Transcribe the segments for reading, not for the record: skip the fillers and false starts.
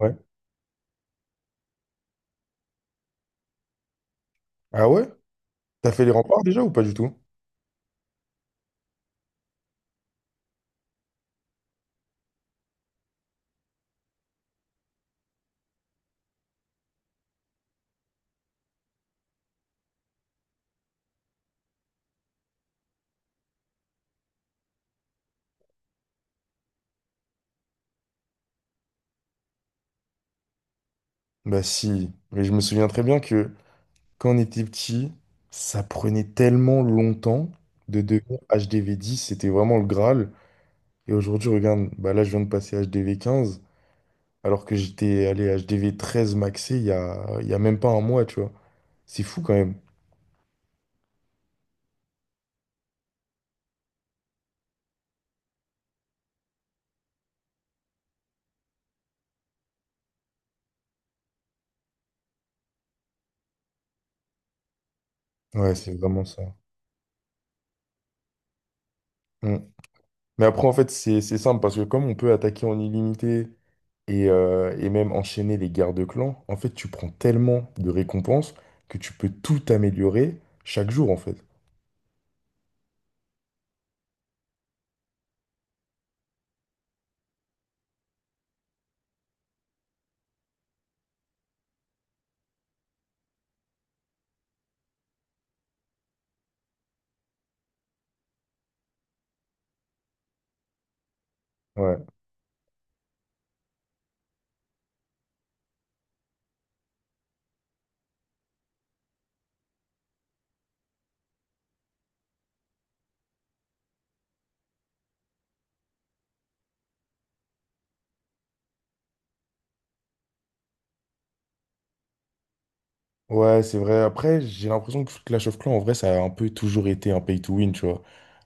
Ouais. Ah ouais? T'as fait les remparts déjà ou pas du tout? Bah si, mais je me souviens très bien que quand on était petit, ça prenait tellement longtemps de devenir HDV10, c'était vraiment le Graal. Et aujourd'hui, regarde, bah là je viens de passer HDV15, alors que j'étais allé HDV13 maxé il y a même pas un mois, tu vois. C'est fou quand même. Ouais, c'est vraiment ça. Mm. Mais après, en fait, c'est simple parce que comme on peut attaquer en illimité et même enchaîner les guerres de clans, en fait, tu prends tellement de récompenses que tu peux tout améliorer chaque jour, en fait. Ouais, ouais, c'est vrai. Après, j'ai l'impression que Clash of Clans, en vrai, ça a un peu toujours été un pay to win, tu vois.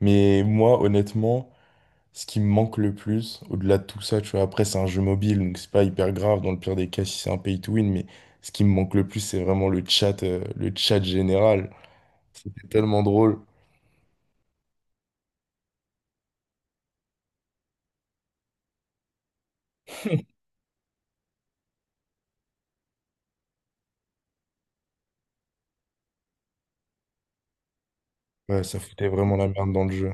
Mais moi, honnêtement, ce qui me manque le plus, au-delà de tout ça, tu vois, après, c'est un jeu mobile, donc c'est pas hyper grave dans le pire des cas si c'est un pay to win, mais ce qui me manque le plus, c'est vraiment le chat général. C'était tellement drôle. Ouais, ça foutait vraiment la merde dans le jeu.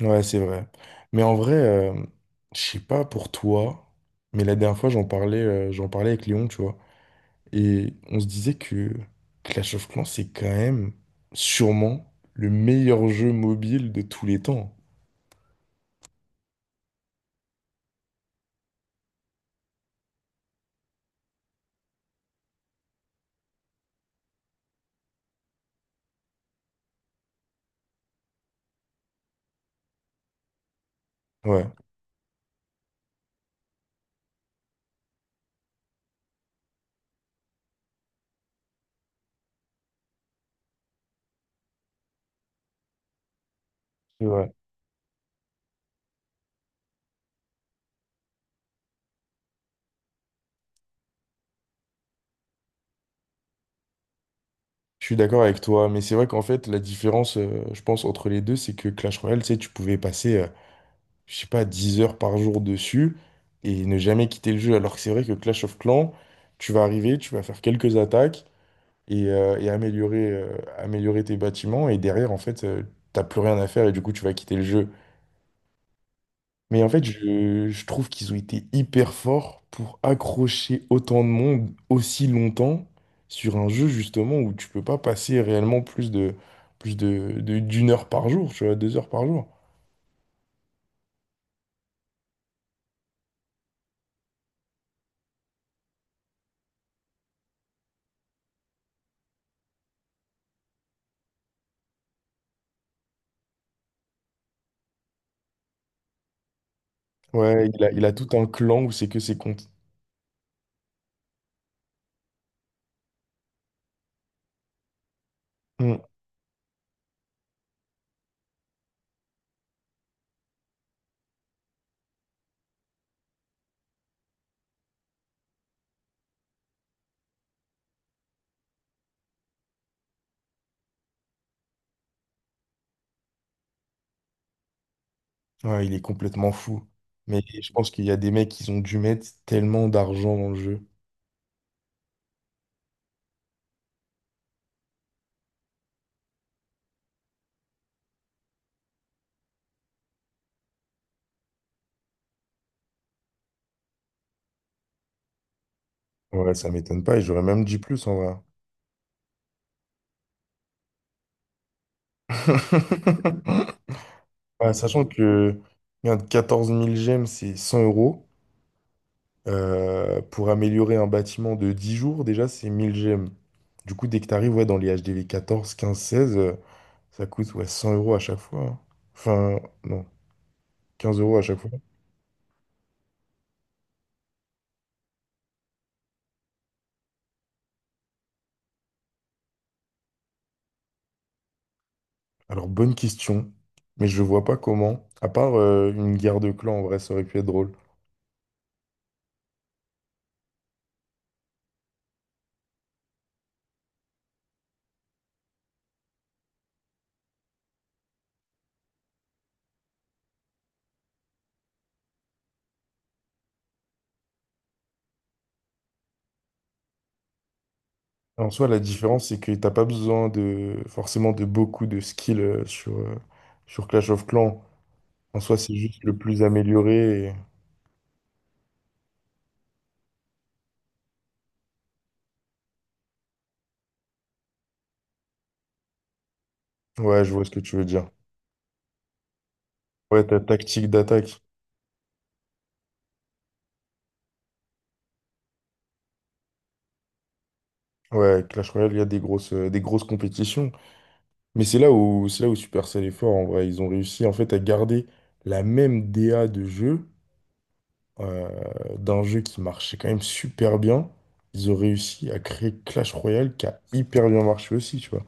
Ouais, c'est vrai. Mais en vrai, je sais pas pour toi, mais la dernière fois, j'en parlais avec Léon, tu vois. Et on se disait que Clash of Clans, c'est quand même sûrement le meilleur jeu mobile de tous les temps. Ouais, c'est vrai. Je suis d'accord avec toi, mais c'est vrai qu'en fait, la différence, je pense, entre les deux, c'est que Clash Royale, tu sais, tu pouvais passer, je sais pas, 10 heures par jour dessus et ne jamais quitter le jeu. Alors que c'est vrai que Clash of Clans, tu vas arriver, tu vas faire quelques attaques, et améliorer tes bâtiments. Et derrière, en fait, t'as plus rien à faire et du coup, tu vas quitter le jeu. Mais en fait, je trouve qu'ils ont été hyper forts pour accrocher autant de monde aussi longtemps sur un jeu, justement, où tu peux pas passer réellement plus de d'une heure par jour, tu vois, 2 heures par jour. Ouais, il a tout un clan où c'est que ses comptes. Hmm. Ouais, il est complètement fou. Mais je pense qu'il y a des mecs qui ont dû mettre tellement d'argent dans le jeu. Ouais, ça m'étonne pas, et j'aurais même dit plus en vrai. Ouais, sachant que regarde, 14 000 gemmes, c'est 100 euros. Pour améliorer un bâtiment de 10 jours, déjà, c'est 1 000 gemmes. Du coup, dès que tu arrives ouais, dans les HDV 14 15 16 ça coûte ouais, 100 euros à chaque fois, hein. Enfin, non, 15 euros à chaque fois. Alors, bonne question, mais je vois pas comment. À part une guerre de clans, en vrai, ça aurait pu être drôle. En soi, la différence, c'est que t'as pas besoin de forcément de beaucoup de skills sur Clash of Clans. En soi, c'est juste le plus amélioré. Ouais, je vois ce que tu veux dire. Ouais, ta tactique d'attaque. Ouais, Clash Royale, il y a des grosses compétitions. Mais c'est là où Supercell est fort, en vrai. Ils ont réussi, en fait, à garder la même DA de jeu, euh, d'un jeu qui marchait quand même super bien. Ils ont réussi à créer Clash Royale qui a hyper bien marché aussi, tu vois.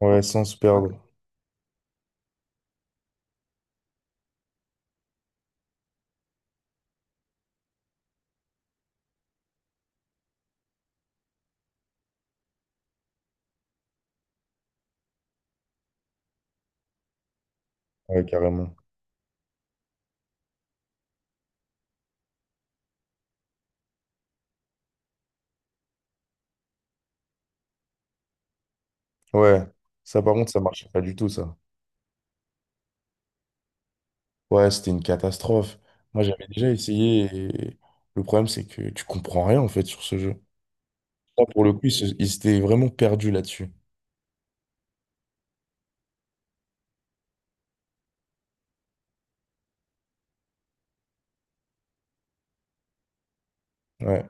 Ouais, sans se perdre. Ouais, carrément. Ouais. Ça, par contre, ça marchait pas du tout, ça. Ouais, c'était une catastrophe. Moi, j'avais déjà essayé et le problème, c'est que tu comprends rien en fait sur ce jeu. Là, pour le coup, ils s'étaient vraiment perdus là-dessus. Ouais.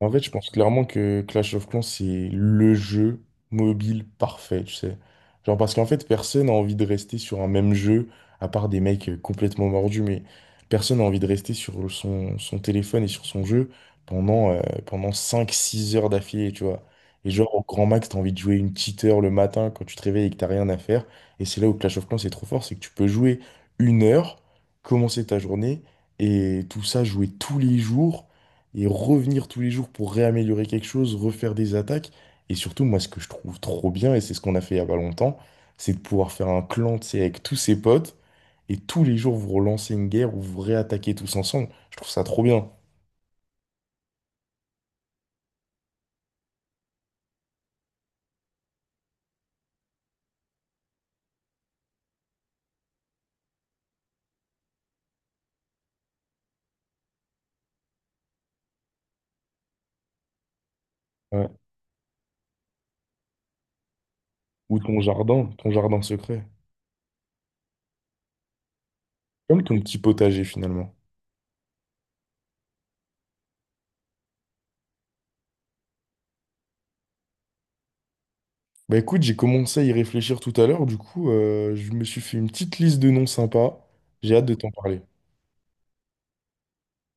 En fait, je pense clairement que Clash of Clans, c'est le jeu mobile parfait, tu sais. Genre, parce qu'en fait, personne n'a envie de rester sur un même jeu, à part des mecs complètement mordus, mais personne n'a envie de rester sur son téléphone et sur son jeu pendant cinq six heures d'affilée, tu vois. Et genre, au grand max, t'as envie de jouer une petite heure le matin quand tu te réveilles et que t'as rien à faire. Et c'est là où Clash of Clans, c'est trop fort, c'est que tu peux jouer une heure, commencer ta journée, et tout ça, jouer tous les jours et revenir tous les jours pour réaméliorer quelque chose, refaire des attaques. Et surtout, moi, ce que je trouve trop bien, et c'est ce qu'on a fait il y a pas longtemps, c'est de pouvoir faire un clan, tu sais, avec tous ses potes, et tous les jours vous relancez une guerre ou vous réattaquez tous ensemble. Je trouve ça trop bien. Ouais. Ou ton jardin secret. Comme ton petit potager finalement. Bah écoute, j'ai commencé à y réfléchir tout à l'heure, du coup, je me suis fait une petite liste de noms sympas. J'ai hâte de t'en parler.